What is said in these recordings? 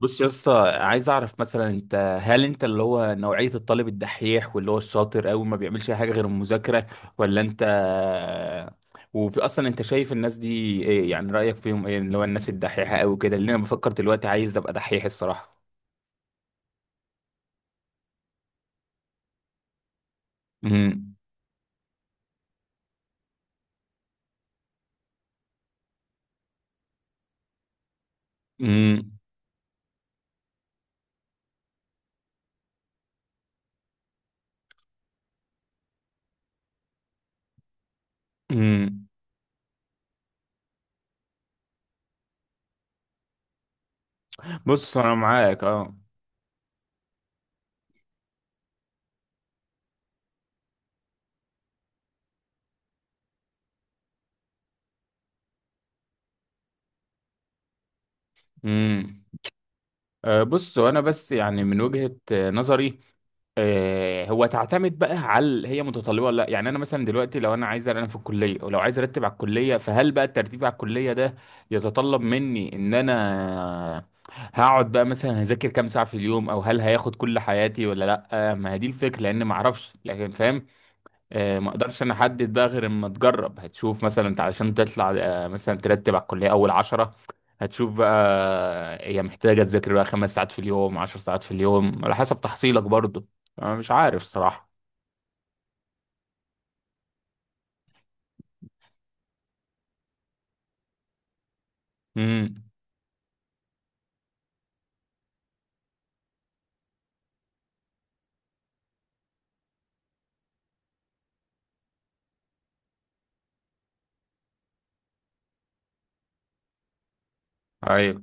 بص يا اسطى، عايز اعرف مثلا انت هل انت اللي هو نوعية الطالب الدحيح واللي هو الشاطر قوي ما بيعملش اي حاجة غير المذاكرة ولا انت؟ واصلا انت شايف الناس دي، ايه يعني رأيك فيهم؟ ايه اللي هو الناس الدحيحة قوي كده؟ اللي انا بفكر دلوقتي عايز ابقى دحيح الصراحة. امم. امم. امم. بص انا معاك، اه. امم. بص وانا بس يعني من وجهة نظري. هو تعتمد بقى هل هي متطلبه ولا لا، يعني انا مثلا دلوقتي لو انا عايز، انا في الكليه ولو عايز ارتب على الكليه، فهل بقى الترتيب على الكليه ده يتطلب مني ان انا هقعد بقى مثلا هذاكر كام ساعه في اليوم، او هل هياخد كل حياتي ولا لا؟ ما هي دي الفكره، لان ما اعرفش، لكن فاهم. ما اقدرش انا احدد بقى غير اما تجرب، هتشوف مثلا انت علشان تطلع مثلا ترتب على الكليه اول 10، هتشوف بقى هي محتاجه تذاكر بقى 5 ساعات في اليوم، 10 ساعات في اليوم، على حسب تحصيلك برضو. انا مش عارف صراحه. امم. ايوه.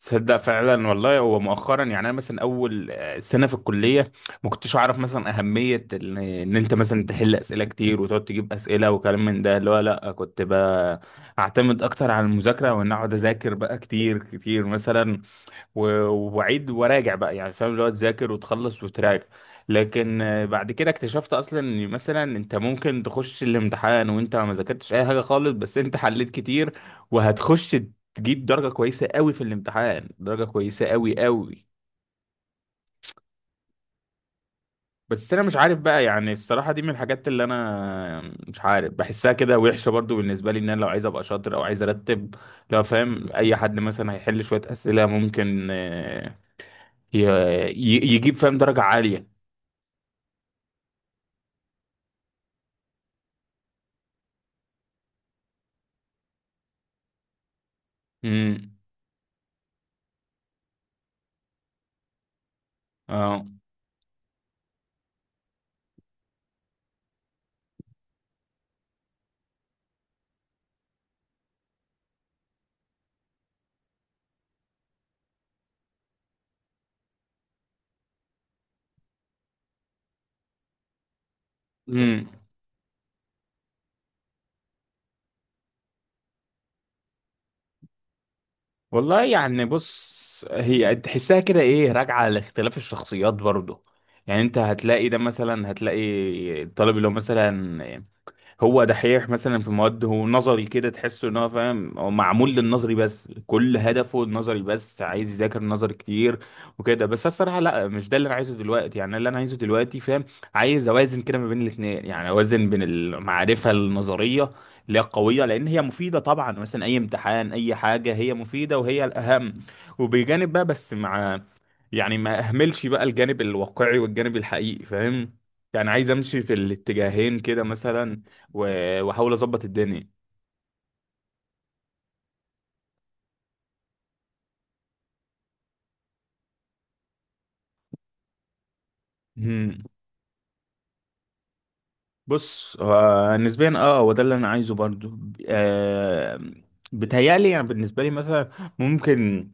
تصدق؟ فعلا والله، هو مؤخرا يعني انا مثلا اول سنه في الكليه ما كنتش اعرف مثلا اهميه ان انت مثلا تحل اسئله كتير، وتقعد تجيب اسئله وكلام من ده، اللي هو لا، كنت بقى اعتمد اكتر على المذاكره، وان اقعد اذاكر بقى كتير كتير مثلا، و- واعيد وراجع بقى، يعني فاهم، اللي هو تذاكر وتخلص وتراجع. لكن بعد كده اكتشفت اصلا ان مثلا انت ممكن تخش الامتحان وانت ما ذاكرتش اي حاجه خالص، بس انت حليت كتير وهتخش تجيب درجه كويسه قوي في الامتحان، درجه كويسه قوي قوي. بس انا مش عارف بقى، يعني الصراحه دي من الحاجات اللي انا مش عارف، بحسها كده وحشه برضو بالنسبه لي ان انا لو عايز ابقى شاطر او عايز ارتب، لو فاهم اي حد مثلا هيحل شويه اسئله ممكن يجيب فاهم درجه عاليه. امم. اه. امم. والله يعني، بص، هي تحسها كده ايه راجعه لاختلاف الشخصيات برضه. يعني انت هتلاقي ده، مثلا هتلاقي الطالب اللي هو مثلا هو دحيح مثلا في مواد، هو نظري كده، تحسه ان هو فاهم، هو معمول للنظري بس، كل هدفه النظري بس، عايز يذاكر نظري كتير وكده. بس أنا الصراحه لا، مش ده اللي انا عايزه دلوقتي، يعني اللي انا عايزه دلوقتي، فاهم، عايز اوازن كده ما بين الاثنين، يعني اوازن بين المعرفه النظريه اللي هي قويه لان هي مفيده طبعا، مثلا اي امتحان اي حاجه هي مفيده وهي الاهم، وبجانب بقى، بس مع، يعني ما اهملش بقى الجانب الواقعي والجانب الحقيقي، فاهم، يعني عايز امشي في الاتجاهين كده مثلا. و- واحاول اظبط الدنيا. مم. بص هو نسبيا، اه، هو ده اللي انا عايزه برضو. آه بتهيألي يعني بالنسبه لي مثلا ممكن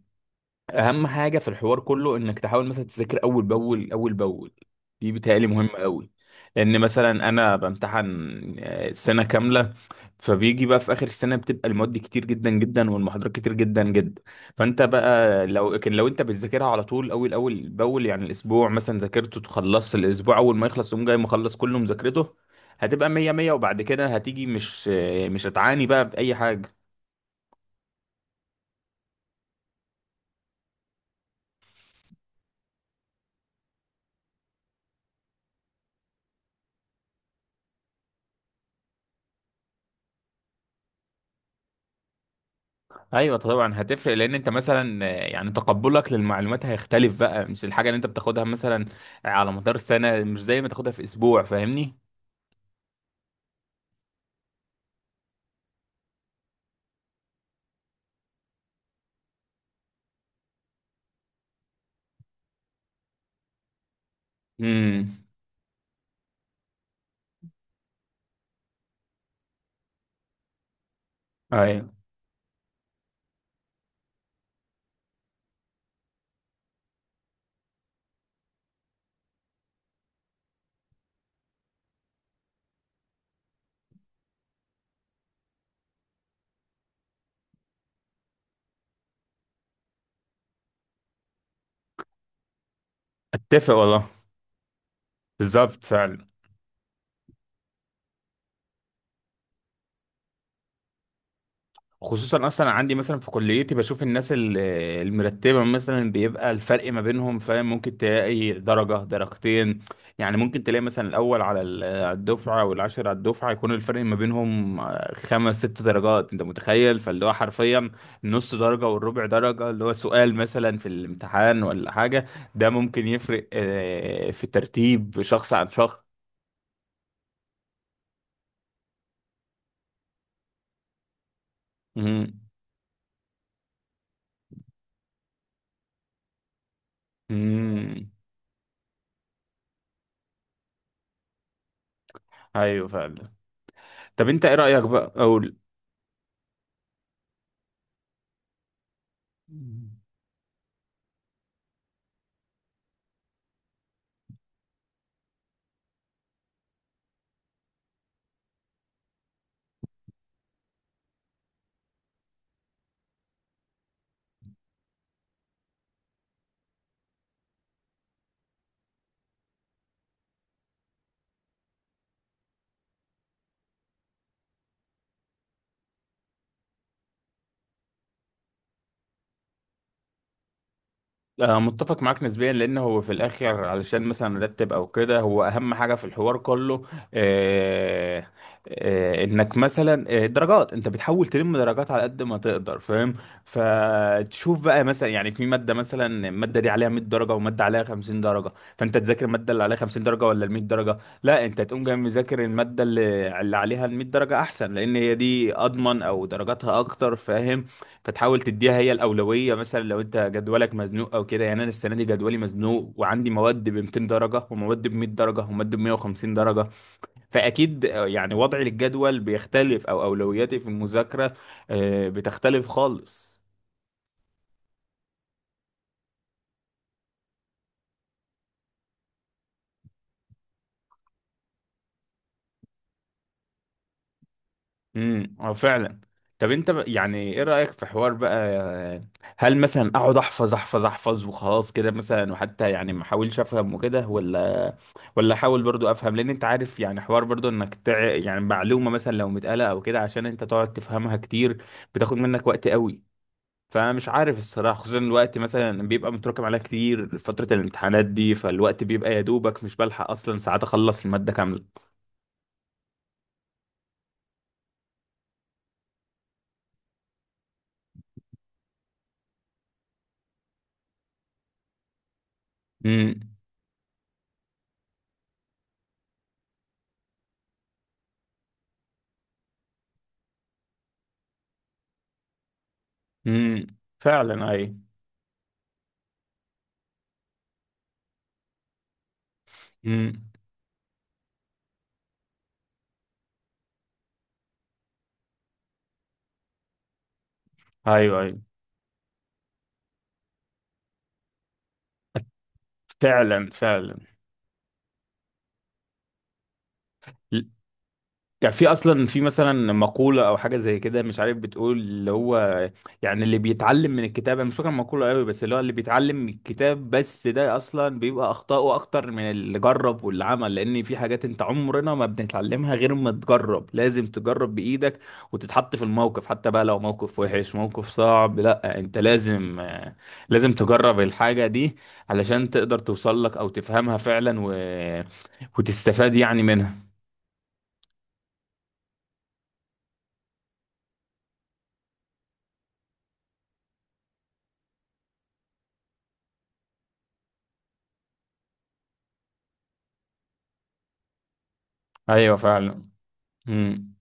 اهم حاجه في الحوار كله انك تحاول مثلا تذاكر اول باول اول باول، دي بتهيألي مهمه قوي. لان مثلا انا بامتحن سنه كامله، فبيجي بقى في اخر السنه بتبقى المواد كتير جدا جدا والمحاضرات كتير جدا جدا، فانت بقى لو انت بتذاكرها على طول اول باول، يعني الاسبوع مثلا ذاكرته تخلص، الاسبوع اول ما يخلص تقوم جاي مخلص كله مذاكرته، هتبقى مية مية. وبعد كده هتيجي مش هتعاني بقى بأي حاجة. ايوه طبعا هتفرق، لان انت مثلا يعني تقبلك للمعلومات هيختلف بقى، مش الحاجه اللي انت بتاخدها مثلا على مدار السنه مش زي ما تاخدها في اسبوع، فاهمني. امم. ايوه. اتفق والله. بالظبط فعلا. خصوصا اصلا عندي مثلا في كليتي بشوف الناس المرتبه، مثلا بيبقى الفرق ما بينهم، فاهم، ممكن تلاقي درجه درجتين. يعني ممكن تلاقي مثلا الاول على على الدفعه والعاشر على الدفعه يكون الفرق ما بينهم خمس ست درجات. انت متخيل؟ فاللي هو حرفيا النص درجه والربع درجه، اللي هو سؤال مثلا في الامتحان ولا حاجه، ده ممكن يفرق في ترتيب شخص عن شخص. امم. امم. ايوه فعلا. طب انت ايه رايك بقى؟ اقول. متفق معاك نسبيا، لان هو في الاخر علشان مثلا نرتب او كده، هو اهم حاجه في الحوار كله، آه انك مثلا درجات انت بتحاول تلم درجات على قد ما تقدر، فاهم. فتشوف بقى مثلا، يعني في ماده مثلا الماده دي عليها 100 درجه وماده عليها 50 درجه، فانت تذاكر الماده اللي عليها 50 درجه ولا ال 100 درجه؟ لا، انت تقوم جاي مذاكر الماده اللي عليها ال 100 درجه احسن، لان هي دي اضمن او درجاتها اكتر، فاهم. فتحاول تديها هي الأولوية، مثلا لو أنت جدولك مزنوق أو كده. يعني أنا السنة دي جدولي مزنوق وعندي مواد ب 200 درجة ومواد ب 100 درجة ومواد ب 150 درجة، فأكيد يعني وضعي للجدول بيختلف أو أولوياتي في المذاكرة بتختلف خالص. امم. اه فعلا. طب انت يعني ايه رأيك في حوار بقى، هل مثلا اقعد احفظ احفظ احفظ وخلاص كده مثلا، وحتى يعني ما احاولش افهم وكده، ولا احاول برضو افهم، لان انت عارف يعني حوار برضو انك يعني معلومة مثلا لو متقالة او كده عشان انت تقعد تفهمها كتير بتاخد منك وقت قوي. فمش عارف الصراحة، خصوصا الوقت مثلا بيبقى متراكم عليها كتير، فترة الامتحانات دي فالوقت بيبقى يا دوبك مش بلحق اصلا ساعات اخلص المادة كاملة. امم. امم. فعلا اي. امم. ايوه ايوه. فعلا فعلا. يعني في اصلا في مثلا مقولة او حاجة زي كده مش عارف، بتقول اللي هو، يعني اللي بيتعلم من الكتاب، انا مش فاكر المقولة قوي، بس اللي هو اللي بيتعلم من الكتاب بس ده اصلا بيبقى اخطائه اكتر من اللي جرب واللي عمل، لان في حاجات انت عمرنا ما بنتعلمها غير ما تجرب، لازم تجرب بايدك وتتحط في الموقف، حتى بقى لو موقف وحش موقف صعب، لا انت لازم لازم تجرب الحاجة دي علشان تقدر توصل لك او تفهمها فعلا، و... وتستفاد يعني منها. ايوه فعلا. مم.